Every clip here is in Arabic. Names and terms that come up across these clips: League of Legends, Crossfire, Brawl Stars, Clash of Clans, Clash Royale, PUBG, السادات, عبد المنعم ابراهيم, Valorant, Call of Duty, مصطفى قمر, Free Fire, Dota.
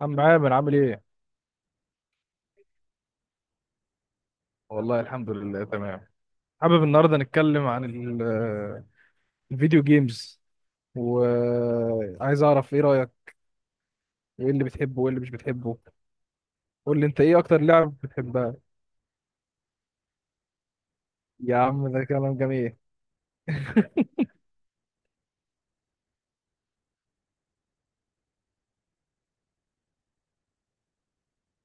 عم عامر عامل ايه؟ والله الحمد لله تمام. حابب النهارده نتكلم عن الفيديو جيمز، وعايز اعرف ايه رأيك، وايه اللي بتحبه وايه اللي مش بتحبه. قول لي انت ايه اكتر لعب بتحبها. يا عم ده كلام جميل.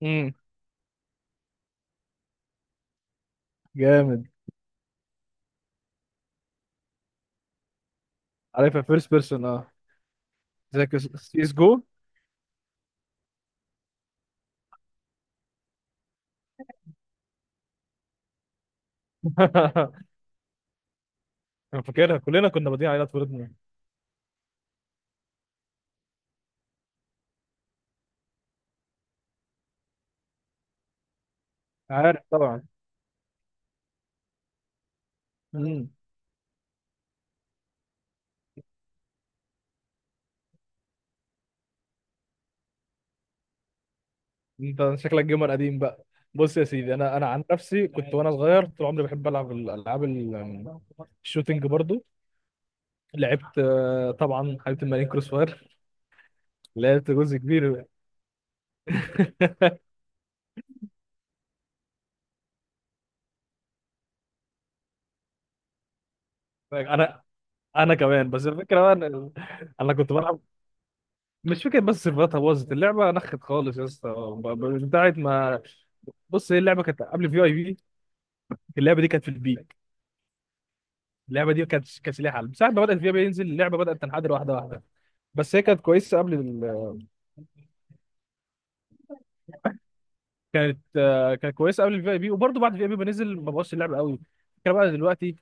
امم جامد. عارفها فيرست بيرسون اه. زي سي اس جو. انا فاكرها كلنا كنا بادئين عليها طفولتنا. عارف طبعا. امم انت شكلك جيمر قديم بقى. بص يا سيدي، انا عن نفسي كنت وانا صغير طول عمري بحب العب الالعاب الشوتينج برضو. لعبت طبعا حبيبه الملايين كروس فاير، لعبت جزء كبير. انا انا كمان، بس الفكره بقى ان انا كنت بلعب. مش فكره، بس سيرفراتها باظت، اللعبه نخت خالص يا اسطى من ساعه ما. بص هي اللعبه كانت قبل في اي، في اللعبه دي كانت في البيك. اللعبه دي كانت ليها حل من ساعه ما بدات في اي بي ينزل اللعبه بدات تنحدر واحده واحده. بس هي كانت كويسه قبل. كانت كانت كويسه قبل الفي اي بي، وبرده بعد الفي اي بي بنزل ما بوظش اللعبه قوي. الفكره بقى دلوقتي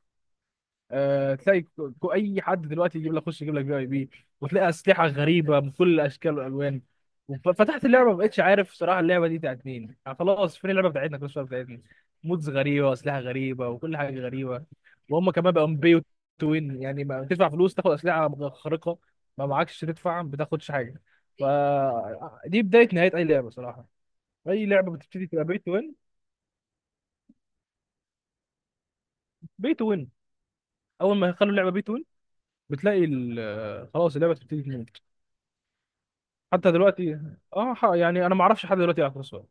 تلاقي اي حد دلوقتي يجيب لك خش يجيب لك في اي بي، وتلاقي اسلحه غريبه بكل الاشكال والالوان. وف- فتحت اللعبه ما بقتش عارف صراحه اللعبه دي بتاعت مين، يعني خلاص فين اللعبه بتاعتنا كل شويه بتاعتنا. مودز غريبه واسلحه غريبه وكل حاجه غريبه، وهم كمان بقوا بيو توين، يعني ما تدفع فلوس تاخد اسلحه خارقه، ما معكش تدفع ما بتاخدش حاجه. فدي بدايه نهايه اي لعبه صراحه. اي لعبه بتبتدي تبقى بيت وين، بي تو وين، اول ما يخلوا اللعبه بي تو وين بتلاقي خلاص اللعبه بتبتدي تموت. حتى دلوقتي اه يعني انا ما اعرفش حد دلوقتي يلعب كروس فاير، ما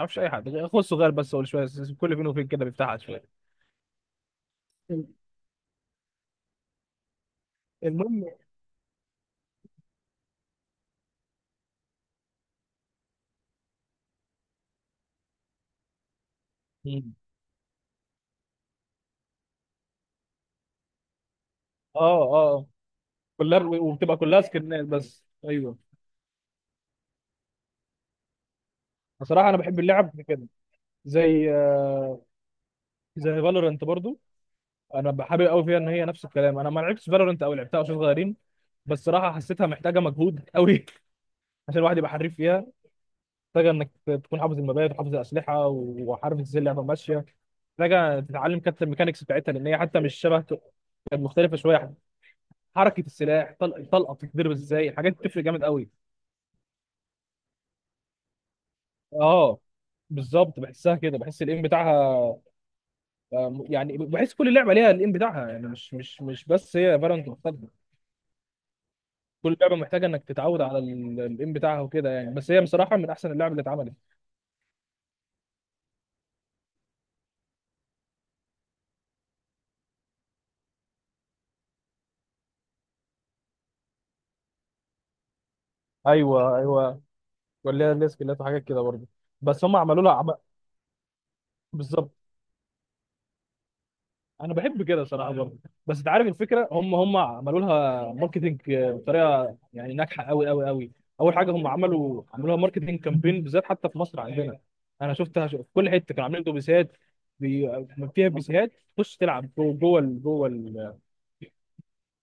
اعرفش اي حد غير اخوه الصغير بس هو اللي شويه كل فين وفين كده بيفتحها شويه. المهم. مم. اه اه، وبتبقى كلها سكنات بس ايوه. بصراحه انا بحب اللعب في كده، زي زي فالورنت برضو. انا بحابب قوي فيها، ان هي نفس الكلام، انا ما لعبتش فالورنت او لعبتها وانا صغيرين، بس صراحه حسيتها محتاجه مجهود قوي عشان الواحد يبقى حريف فيها. محتاجة إنك تكون حافظ المبادئ وحافظ الأسلحة وعارف إزاي اللعبة ماشية. محتاجة تتعلم كابتن الميكانيكس بتاعتها، لأن هي حتى مش شبه، كانت مختلفة شوية. حركة السلاح، طلقة بتتضرب إزاي، الحاجات دي بتفرق جامد قوي. اه بالظبط بحسها كده، بحس الايم بتاعها، يعني بحس كل لعبه ليها الايم بتاعها يعني مش بس هي فالورانت مختلفه. كل لعبه محتاجه انك تتعود على الايم بتاعها وكده يعني، بس هي بصراحه من احسن اللعب اللي اتعملت. ايوه ايوه، ولا ليها سكيلات وحاجات كده برضه. بس عملوا لها عم... بالظبط، انا بحب كده صراحه برضه. بس انت عارف الفكره، هم عملوا لها ماركتنج بطريقه يعني ناجحه قوي. اول حاجه هم عملوا لها ماركتنج كامبين بالذات حتى في مصر عندنا. انا شفتها في كل حته كانوا عاملين اتوبيسات بي... فيها بيسيهات، تخش تلعب جوه جوه ال- جوه ال-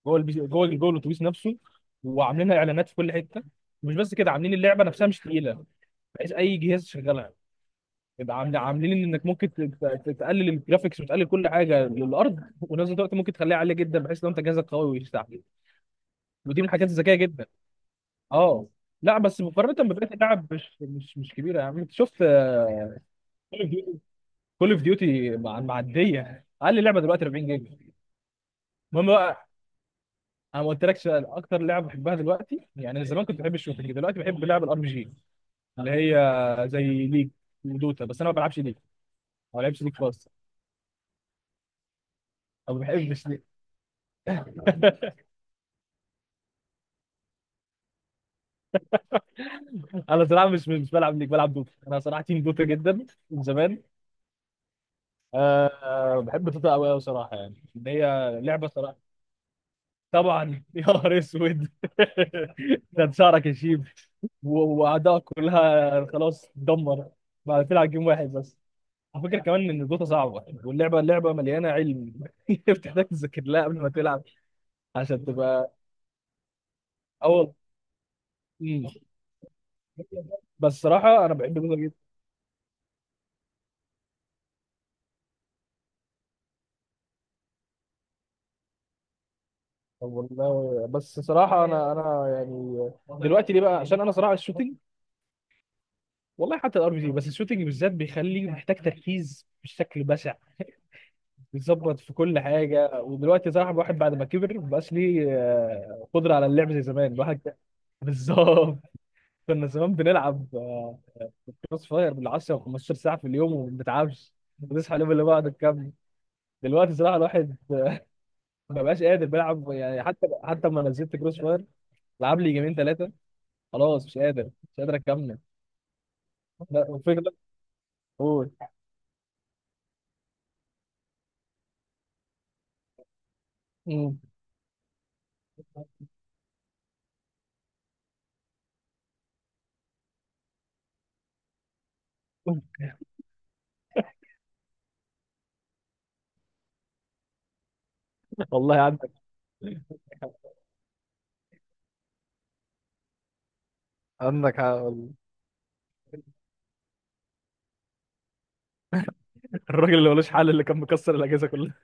جوه البيسي- جوه ال- جوه الاتوبيس نفسه، وعاملينها اعلانات في كل حته. مش بس كده، عاملين اللعبه نفسها مش تقيله، بحيث اي جهاز يشغلها، يبقى عاملين انك ممكن تقلل الجرافيكس وتقلل كل حاجه للارض، ونفس الوقت ممكن تخليها عاليه جدا بحيث لو انت جهازك قوي ويستحمل. ودي من الحاجات الذكيه جدا. اه، لا بس مقارنه ببقيه اللعب مش كبيره يا عم. انت شفت كول اوف ديوتي مع معديه، اقل لعبه دلوقتي 40 جيجا. المهم بقى، انا ما قلتلكش اكتر لعبه بحبها دلوقتي. يعني انا زمان كنت بحب الشوتنج، دلوقتي بحب لعب الار بي جي، اللي هي زي ليج ودوتا. بس انا ما بلعبش ليج، ما بلعبش ليج خالص، او ما بحبش ليج. انا صراحه مش بلعب ليك، بلعب دوتا. انا صراحه تيم دوتا جدا من زمان. أه بحب دوتا قوي صراحه. يعني ان هي لعبه صراحه، طبعا. يا نهار اسود ده شعرك يشيب، واعدائك كلها خلاص تدمر بعد تلعب جيم واحد بس. على فكره كمان ان دوتا صعبه يعني. اللعبه مليانه علم بتحتاج تذاكر لها قبل ما تلعب عشان تبقى اول. مم. بس صراحه انا بحب دوتا. طب والله بس صراحة، أنا يعني دلوقتي ليه بقى؟ عشان أنا صراحة الشوتينج، والله حتى الار بي جي، بس الشوتينج بالذات بيخلي محتاج تركيز بشكل بشع، بيظبط في كل حاجة. ودلوقتي صراحة الواحد بعد ما كبر مبقاش ليه قدرة على اللعب زي زمان. الواحد كان- بالظبط. كنا زمان بنلعب كروس فاير بال 10 و15 ساعة في اليوم وما بنتعبش، بنصحى اليوم اللي بعده نكمل. دلوقتي صراحة الواحد ما بقاش قادر بيلعب يعني، حتى حتى لما نزلت كروس فاير لعب لي جيمين ثلاثة، خلاص مش قادر، مش قادر اكمل. لا الفكره، قول. مم. والله عندك، عندك حق والله. الراجل اللي ملوش حل، اللي كان مكسر الاجهزه كلها.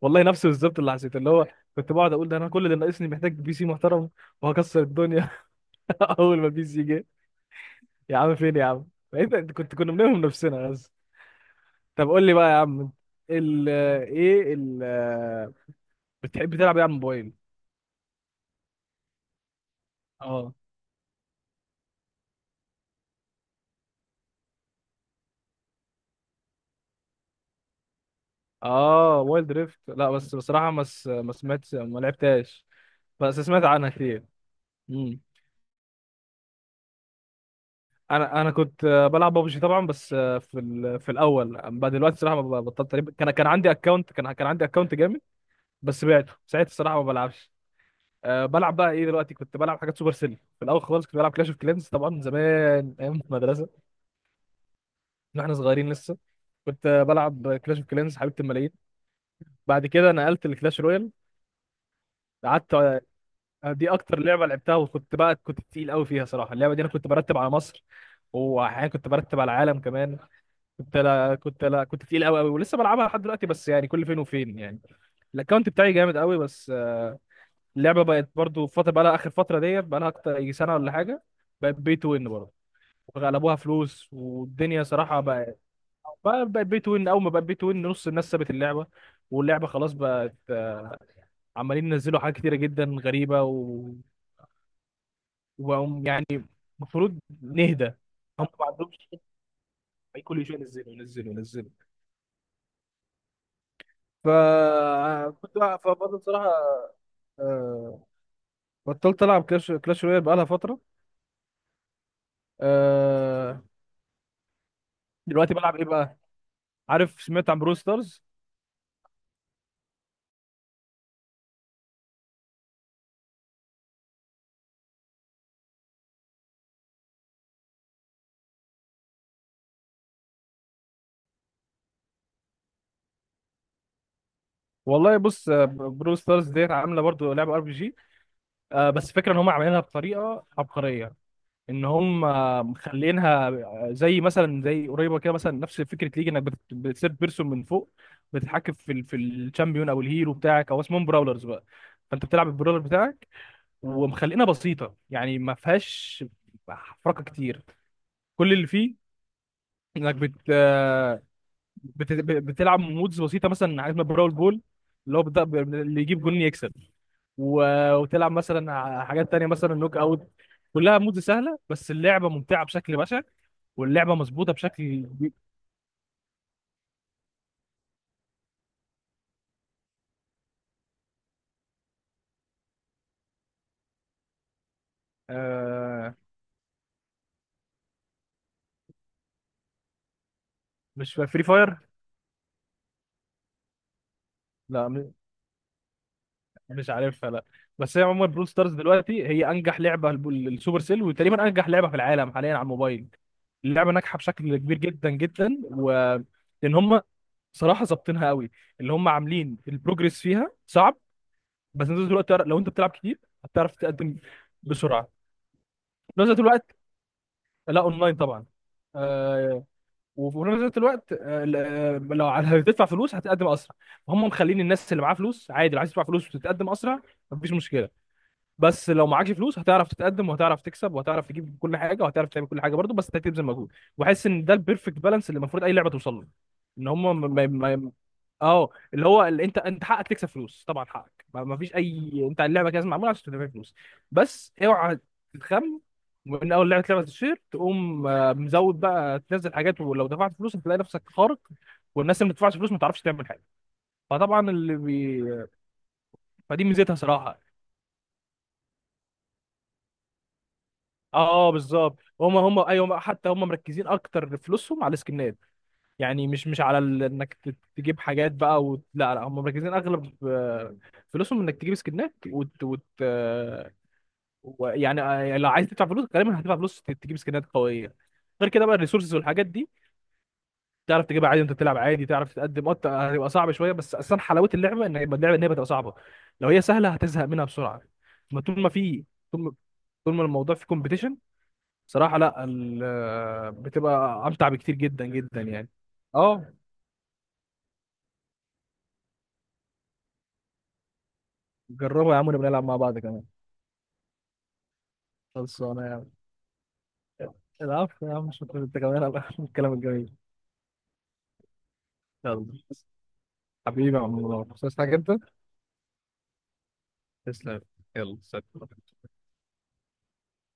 والله نفسه بالظبط اللي حسيت، اللي هو كنت بقعد اقول ده انا كل اللي ناقصني محتاج بي سي محترم وهكسر الدنيا. اول ما البي سي جه، يا عم فين يا عم. بقيت انت كنت، كنا بنلوم نفسنا بس. طب قول لي بقى يا عم ال ايه ال بتحب تلعب ايه على الموبايل. اه اه، وايلد ريفت، لا بس بصراحه ما سمعتش ما لعبتهاش، بس سمعت عنها كتير. مم. انا كنت بلعب ببجي طبعا، بس في في الاول. بعد دلوقتي الصراحه ما ب- بطلت تقريبا. كان عندي اكونت، كان عندي اكونت جامد بس بعته ساعتها، الصراحه ما بلعبش. أه، بلعب بقى ايه دلوقتي. كنت بلعب حاجات سوبر سيل في الاول خالص. كنت بلعب كلاش اوف كلينز طبعا زمان ايام المدرسه واحنا صغيرين لسه. كنت بلعب كلاش اوف كلينز حبيبه الملايين. بعد كده نقلت لكلاش رويال. قعدت، دي اكتر لعبه لعبتها، وكنت بقى كنت تقيل قوي فيها صراحه. اللعبه دي انا كنت برتب على مصر، واحيانا كنت برتب على العالم كمان. كنت لا كنت لا كنت تقيل قوي، ولسه بلعبها لحد دلوقتي بس يعني كل فين وفين يعني. الاكونت بتاعي جامد قوي، بس اللعبه بقت برضو في فتره، بقى لها اخر فتره ديت بقى لها اكتر يجي سنه ولا حاجه بقت بي تو وين برضه، وغلبوها فلوس والدنيا صراحه بقت بقت بي تو وين. اول ما بقت بي تو وين نص الناس سابت اللعبه، واللعبه خلاص بقت عمالين ينزلوا حاجات كتيره جدا غريبه و... وبقوا. المفروض نهدى. هم ما عندهمش أي، كل شويه ينزلوا ينزلوا. فكنت بقى فبرضه بصراحه آه، بطلت العب كلاش رويال بقالها فتره. آه، دلوقتي بلعب ايه بقى. عارف سمعت عن برو ستارز. والله بص برو ستارز ديت عامله برضه لعبه ار بي جي. بس فكره ان هم عاملينها بطريقه عبقريه، ان هم مخلينها زي مثلا زي قريبه كده مثلا نفس فكره ليج، انك بتثيرد بيرسون من فوق، بتتحكم في في الشامبيون او الهيرو بتاعك او اسمهم براولرز بقى. فانت بتلعب البراولر بتاعك، ومخلينها بسيطه يعني ما فيهاش حركه كتير. كل اللي فيه انك بتلعب مودز بسيطه، مثلا حاجات من براول بول، اللي هو بت- اللي يجيب جون يكسب. و وتلعب مثلا حاجات تانية مثلا نوك اوت. كلها مودز سهله، بس اللعبه ممتعه بشكل بشع، واللعبه مظبوطه بشكل كبير. آه، مش فري فاير. لا مش عارفها لا. بس هي عموما برول ستارز دلوقتي هي انجح لعبه للسوبر سيل، وتقريبا انجح لعبه في العالم حاليا على الموبايل. اللعبه ناجحه بشكل كبير جدا جدا، و لان هم صراحه ظابطينها قوي. اللي هم عاملين البروجريس فيها صعب، بس انت طول الوقت لو انت بتلعب كتير هتعرف تقدم بسرعه في نفس الوقت. لا اونلاين طبعا. آه، وفي نفس الوقت آه لو على- هتدفع فلوس هتقدم اسرع. هم مخلين الناس اللي معاها فلوس عادي، اللي عايز تدفع فلوس وتتقدم اسرع مفيش مشكله. بس لو معكش فلوس هتعرف تتقدم، وهتعرف تكسب، وهتعرف تجيب كل حاجه، وهتعرف تعمل كل حاجه برضه، بس انت هتبذل مجهود. وحاسس ان ده البيرفكت بالانس اللي المفروض اي لعبه توصل له، ان هم اه اللي هو اللي انت حقك تكسب فلوس طبعا حقك، ما ما فيش اي، انت اللعبه كده لازم معموله عشان تدفع فلوس، بس اوعى تتخم من اول لعبه تشير تقوم مزود بقى تنزل حاجات، ولو دفعت فلوس هتلاقي نفسك خارق، والناس اللي ما بتدفعش فلوس ما تعرفش تعمل حاجه. فطبعا اللي بي... فدي ميزتها صراحه. اه بالظبط، هم ايوه هما- حتى هم مركزين اكتر فلوسهم على السكنات. يعني مش على انك تجيب حاجات بقى وت... لا لا هم مركزين اغلب فلوسهم انك تجيب سكنات يعني لو عايز تدفع فلوس غالبا هتدفع فلوس تجيب سكنات قويه. غير كده بقى الريسورسز والحاجات دي تعرف تجيبها عادي وانت بتلعب عادي تعرف تتقدم اه. هتبقى صعب شويه، بس اصلا حلاوه اللعبه ان يبقى اللعبه ان هي بتبقى صعبه، لو هي سهله هتزهق منها بسرعه. ما طول ما في طول ما طول ما الموضوع فيه كومبيتيشن صراحه، لا ال... آه، بتبقى امتع بكتير جدا جدا يعني. اه. جربوا يا عم، نبقى نلعب مع بعض كمان. خلصانة يا عم. العفو يا عم، شكرا انت كمان على الكلام الجميل. يلا حبيبي يا عم منور، بس عايز حاجة انت؟ تسلم. يلا سلام.